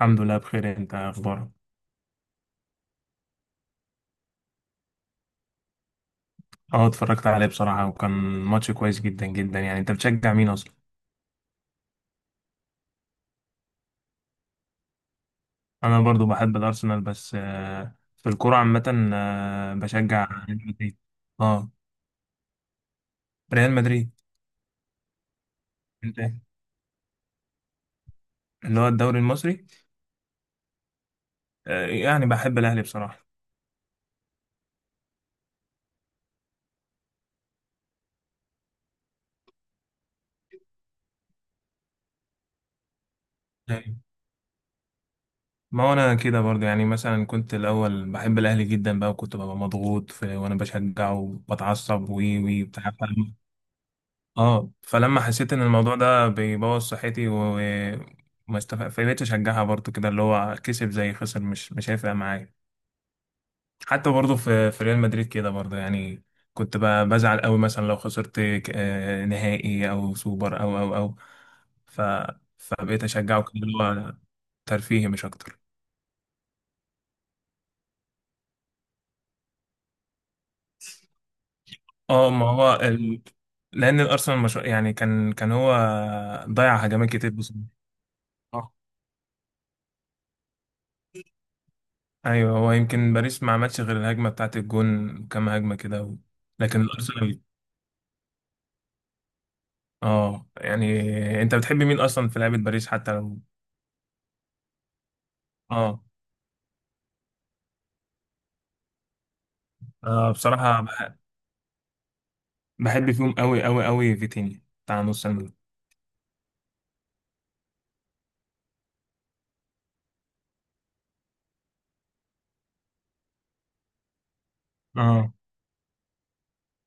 الحمد لله بخير. انت إيه اخبارك؟ اه اتفرجت عليه بصراحة، وكان ماتش كويس جدا جدا. يعني انت بتشجع مين اصلا؟ انا برضو بحب الارسنال، بس في الكرة عامة بشجع ريال مدريد. اه. ريال مدريد. انت إيه؟ اللي هو الدوري المصري. يعني بحب الاهلي بصراحة. ايوه. ما هو انا كده برضو، يعني مثلا كنت الاول بحب الاهلي جدا بقى، وكنت ببقى مضغوط في وانا بشجعه وبتعصب وي وي بتاع. اه، فلما حسيت ان الموضوع ده بيبوظ صحتي وما استفق، فبقيت اشجعها برضو كده اللي هو كسب زي خسر، مش هيفرق معايا. حتى برضو في ريال مدريد كده برضو، يعني كنت بزعل قوي مثلا لو خسرت نهائي او سوبر او ف فبقيت اشجعه كده اللي هو ترفيهي مش اكتر. اه، ما هو ال... لان الارسنال مش... يعني كان هو ضيع هجمات كتير. بس ايوه، هو يمكن باريس ما عملش غير الهجمه بتاعت الجون، كام هجمه كده و... لكن الارسنال اه يعني. انت بتحب مين اصلا في لعبه باريس حتى لو اه؟ بصراحه بحب فيهم قوي قوي قوي فيتينيا بتاع نص الملعب. اه،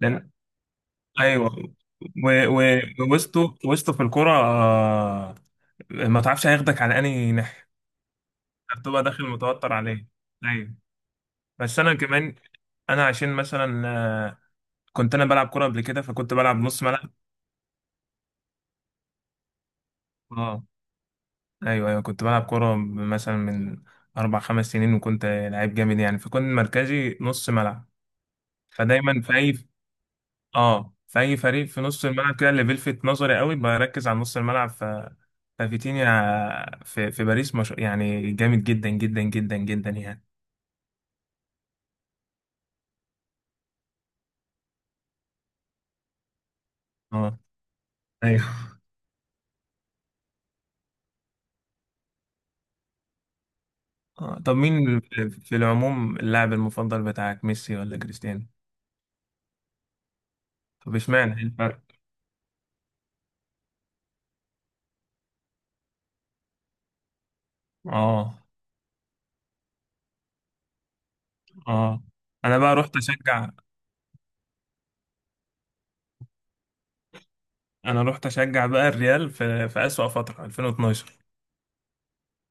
لان ايوه و... و... وسطه وسطه في الكوره آه... ما تعرفش هياخدك على انهي ناحيه. بتبقى داخل متوتر عليه. ايوه. بس انا كمان انا عشان مثلا كنت انا بلعب كوره قبل كده، فكنت بلعب نص ملعب. اه، ايوه ايوه، كنت بلعب كوره مثلا من اربع خمس سنين، وكنت لعيب جامد يعني، فكنت مركزي نص ملعب. فدايما في اي اه، في اي فريق في نص الملعب كده اللي بيلفت نظري قوي بركز على نص الملعب. ففيتينيا في باريس مش... يعني جامد جدا جدا جدا جدا يعني. اه ايوه. اه، طب مين في العموم اللاعب المفضل بتاعك، ميسي ولا كريستيانو؟ طب اشمعنى؟ إيه الفرق؟ اه اه. انا بقى رحت اشجع. انا رحت اشجع بقى الريال في اسوأ فترة 2012،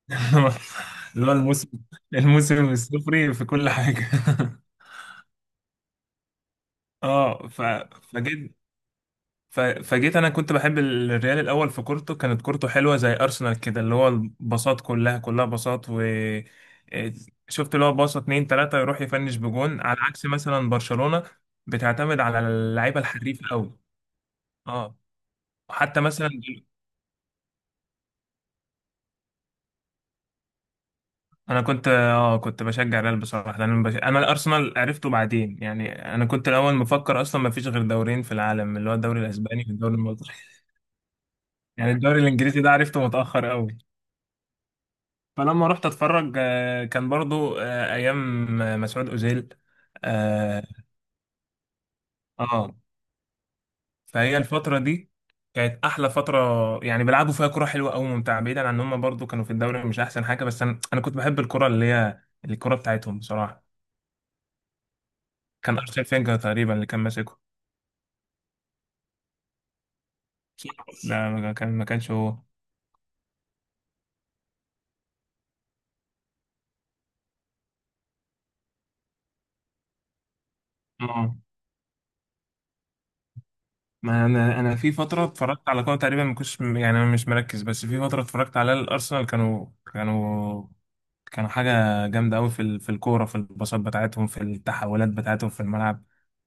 اللي هو الموسم، الموسم الصفري في كل حاجة. اه ف... فجيت. ف... فجيت. انا كنت بحب الريال الاول في كورته، كانت كورته حلوة زي ارسنال كده، اللي هو الباصات كلها كلها باصات، و إيه، شفت اللي هو باصة اتنين تلاتة يروح يفنش بجون، على عكس مثلا برشلونة بتعتمد على اللعيبة الحريفة قوي. اه، حتى مثلا انا كنت اه كنت بشجع الريال بصراحه، لان انا الارسنال عرفته بعدين، يعني انا كنت الاول مفكر اصلا ما فيش غير دورين في العالم، اللي هو الدوري الاسباني والدوري المصري. يعني الدوري الانجليزي ده عرفته متاخر قوي. فلما رحت اتفرج كان برضو ايام مسعود اوزيل. اه آه. فهي الفتره دي كانت احلى فتره، يعني بيلعبوا فيها كره حلوه قوي ممتعه، بعيدا عن ان هم برضو كانوا في الدوري مش احسن حاجه، بس انا انا كنت بحب الكره اللي هي الكره بتاعتهم بصراحه. كان ارسنال فينجر تقريبا اللي كان ماسكه. لا، ما كان، ما كانش هو. اه، ما انا انا في فتره اتفرجت على كوره تقريبا ما كنتش، يعني انا مش مركز، بس في فتره اتفرجت على الارسنال كانوا كانوا حاجه جامده قوي في ال- في الكوره، في الباصات بتاعتهم، في التحولات بتاعتهم في الملعب.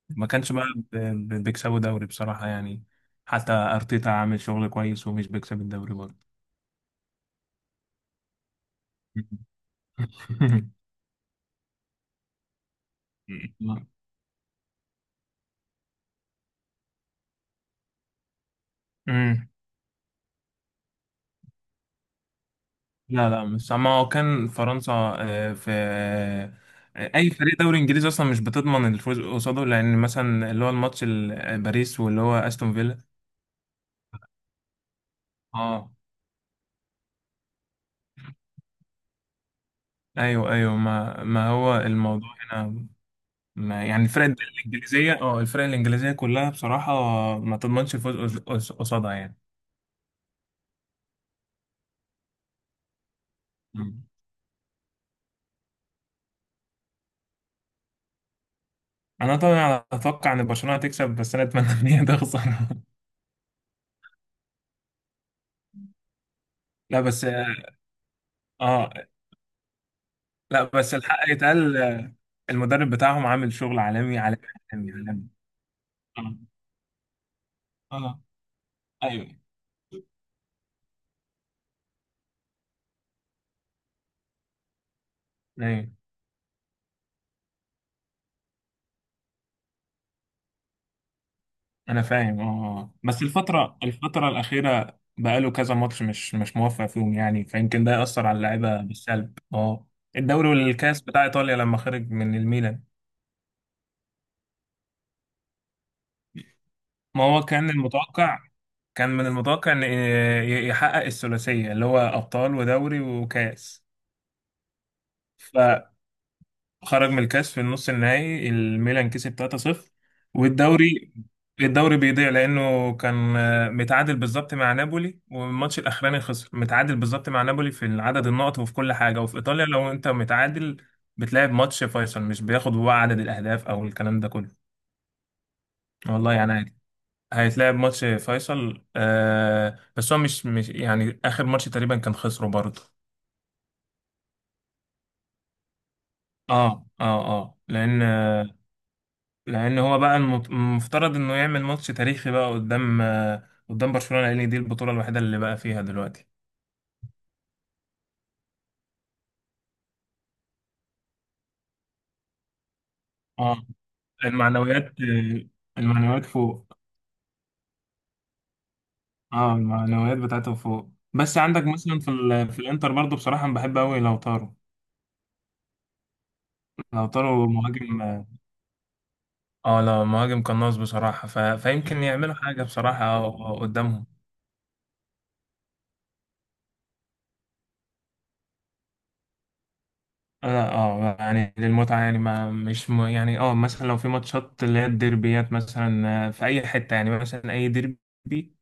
ما كانش بقى بيكسبوا دوري بصراحه يعني. حتى ارتيتا عامل شغل كويس، ومش بيكسب الدوري برضه. مم. لا لا مش، ما هو كان فرنسا في اي فريق دوري انجليزي اصلا مش بتضمن الفوز قصاده، لان مثلا اللي هو الماتش باريس، واللي هو استون فيلا. اه ايوه ايوه، ما ما هو الموضوع هنا ما، يعني الفرق الانجليزيه اه، الفرق الانجليزيه كلها بصراحه ما تضمنش الفوز قصادها يعني. مم. انا طبعا اتوقع ان برشلونه هتكسب، بس انا اتمنى ان هي تخسر. لا بس اه آه، لا بس الحق يتقال المدرب بتاعهم عامل شغل عالمي عالمي عالمي عالمي. اه اه ايوه ايوه. انا فاهم اه آه. بس الفترة، الفترة الأخيرة بقاله كذا ماتش مش موفق فيهم، يعني فيمكن ده يأثر على اللعيبة بالسلب. اه، الدوري والكاس بتاع إيطاليا لما خرج من الميلان. ما هو كان المتوقع، كان من المتوقع إن يحقق الثلاثية، اللي هو أبطال ودوري وكاس. خرج من الكاس في النص النهائي، الميلان كسب 3-0. والدوري، الدوري بيضيع لانه كان متعادل بالظبط مع نابولي، والماتش الاخراني خسر، متعادل بالظبط مع نابولي في عدد النقط وفي كل حاجه، وفي ايطاليا لو انت متعادل بتلعب ماتش فيصل، مش بياخد هو عدد الاهداف او الكلام ده كله. والله يعني عادي، هيتلعب ماتش فيصل آه، بس هو مش، مش يعني اخر ماتش تقريبا كان خسره برضه. اه اه اه، لان لان هو بقى المفترض انه يعمل ماتش تاريخي بقى قدام قدام برشلونة، لان دي البطولة الوحيدة اللي بقى فيها دلوقتي. اه، المعنويات، المعنويات فوق. اه، المعنويات بتاعته فوق. بس عندك مثلا في ال... في الانتر برضو بصراحة أنا بحب قوي لوتارو. لوتارو مهاجم. اه، لا مهاجم قناص بصراحة، ف... فيمكن يعملوا حاجة بصراحة قدامهم. لا اه، يعني للمتعة، يعني ما مش م... يعني اه مثلا لو في ماتشات اللي هي الديربيات مثلا في أي حتة، يعني مثلا أي ديربي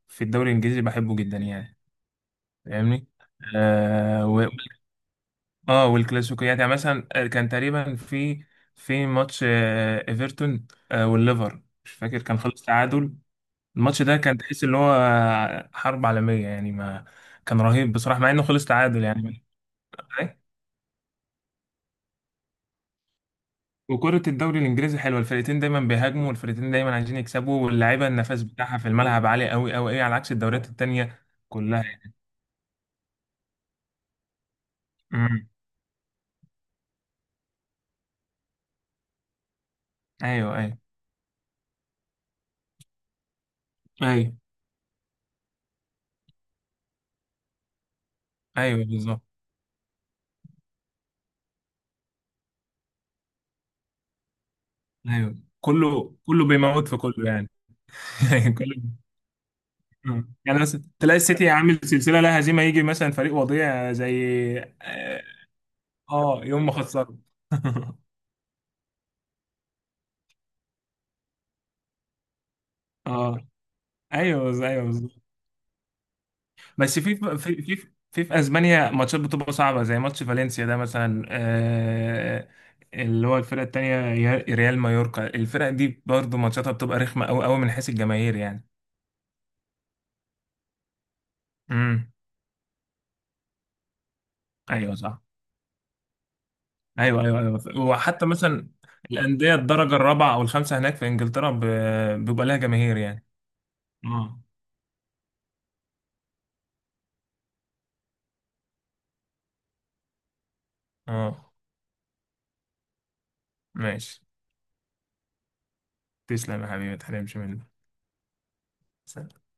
في الدوري الإنجليزي بحبه جدا يعني. فاهمني؟ آه و... اه، والكلاسيكيات يعني، مثلا كان تقريبا في، في ماتش ايفرتون والليفر، مش فاكر، كان خلص تعادل. الماتش ده كان تحس اللي هو حرب عالمية، يعني ما كان رهيب بصراحة مع انه خلص تعادل يعني. وكرة الدوري الإنجليزي حلوة، الفرقتين دايما بيهاجموا، والفرقتين دايما عايزين يكسبوا، واللعيبة النفس بتاعها في الملعب عالي أوي أوي أوي، على عكس الدوريات التانية كلها. امم. أيوه أيوه أيوه. أيوه بالظبط. أيوه، كله كله بيموت في كله يعني. كله. مم. يعني مثلا تلاقي السيتي عامل سلسلة لا هزيمة، يجي مثلا فريق وضيع زي اه يوم ما خسروا. اه ايوه ايوه. بس في في اسبانيا ماتشات بتبقى صعبه زي ماتش فالنسيا ده مثلا اللي هو الفرقه التانيه، ريال مايوركا، الفرق دي برضو ماتشاتها بتبقى رخمه قوي قوي من حيث الجماهير يعني. امم. ايوه صح. ايوه ايوه ايوه. وحتى مثلا الانديه الدرجه الرابعه او الخامسه هناك في انجلترا بيبقى لها جماهير يعني. اه اه. ماشي. تسلم يا حبيبي، ما تحرمش مني. سلام.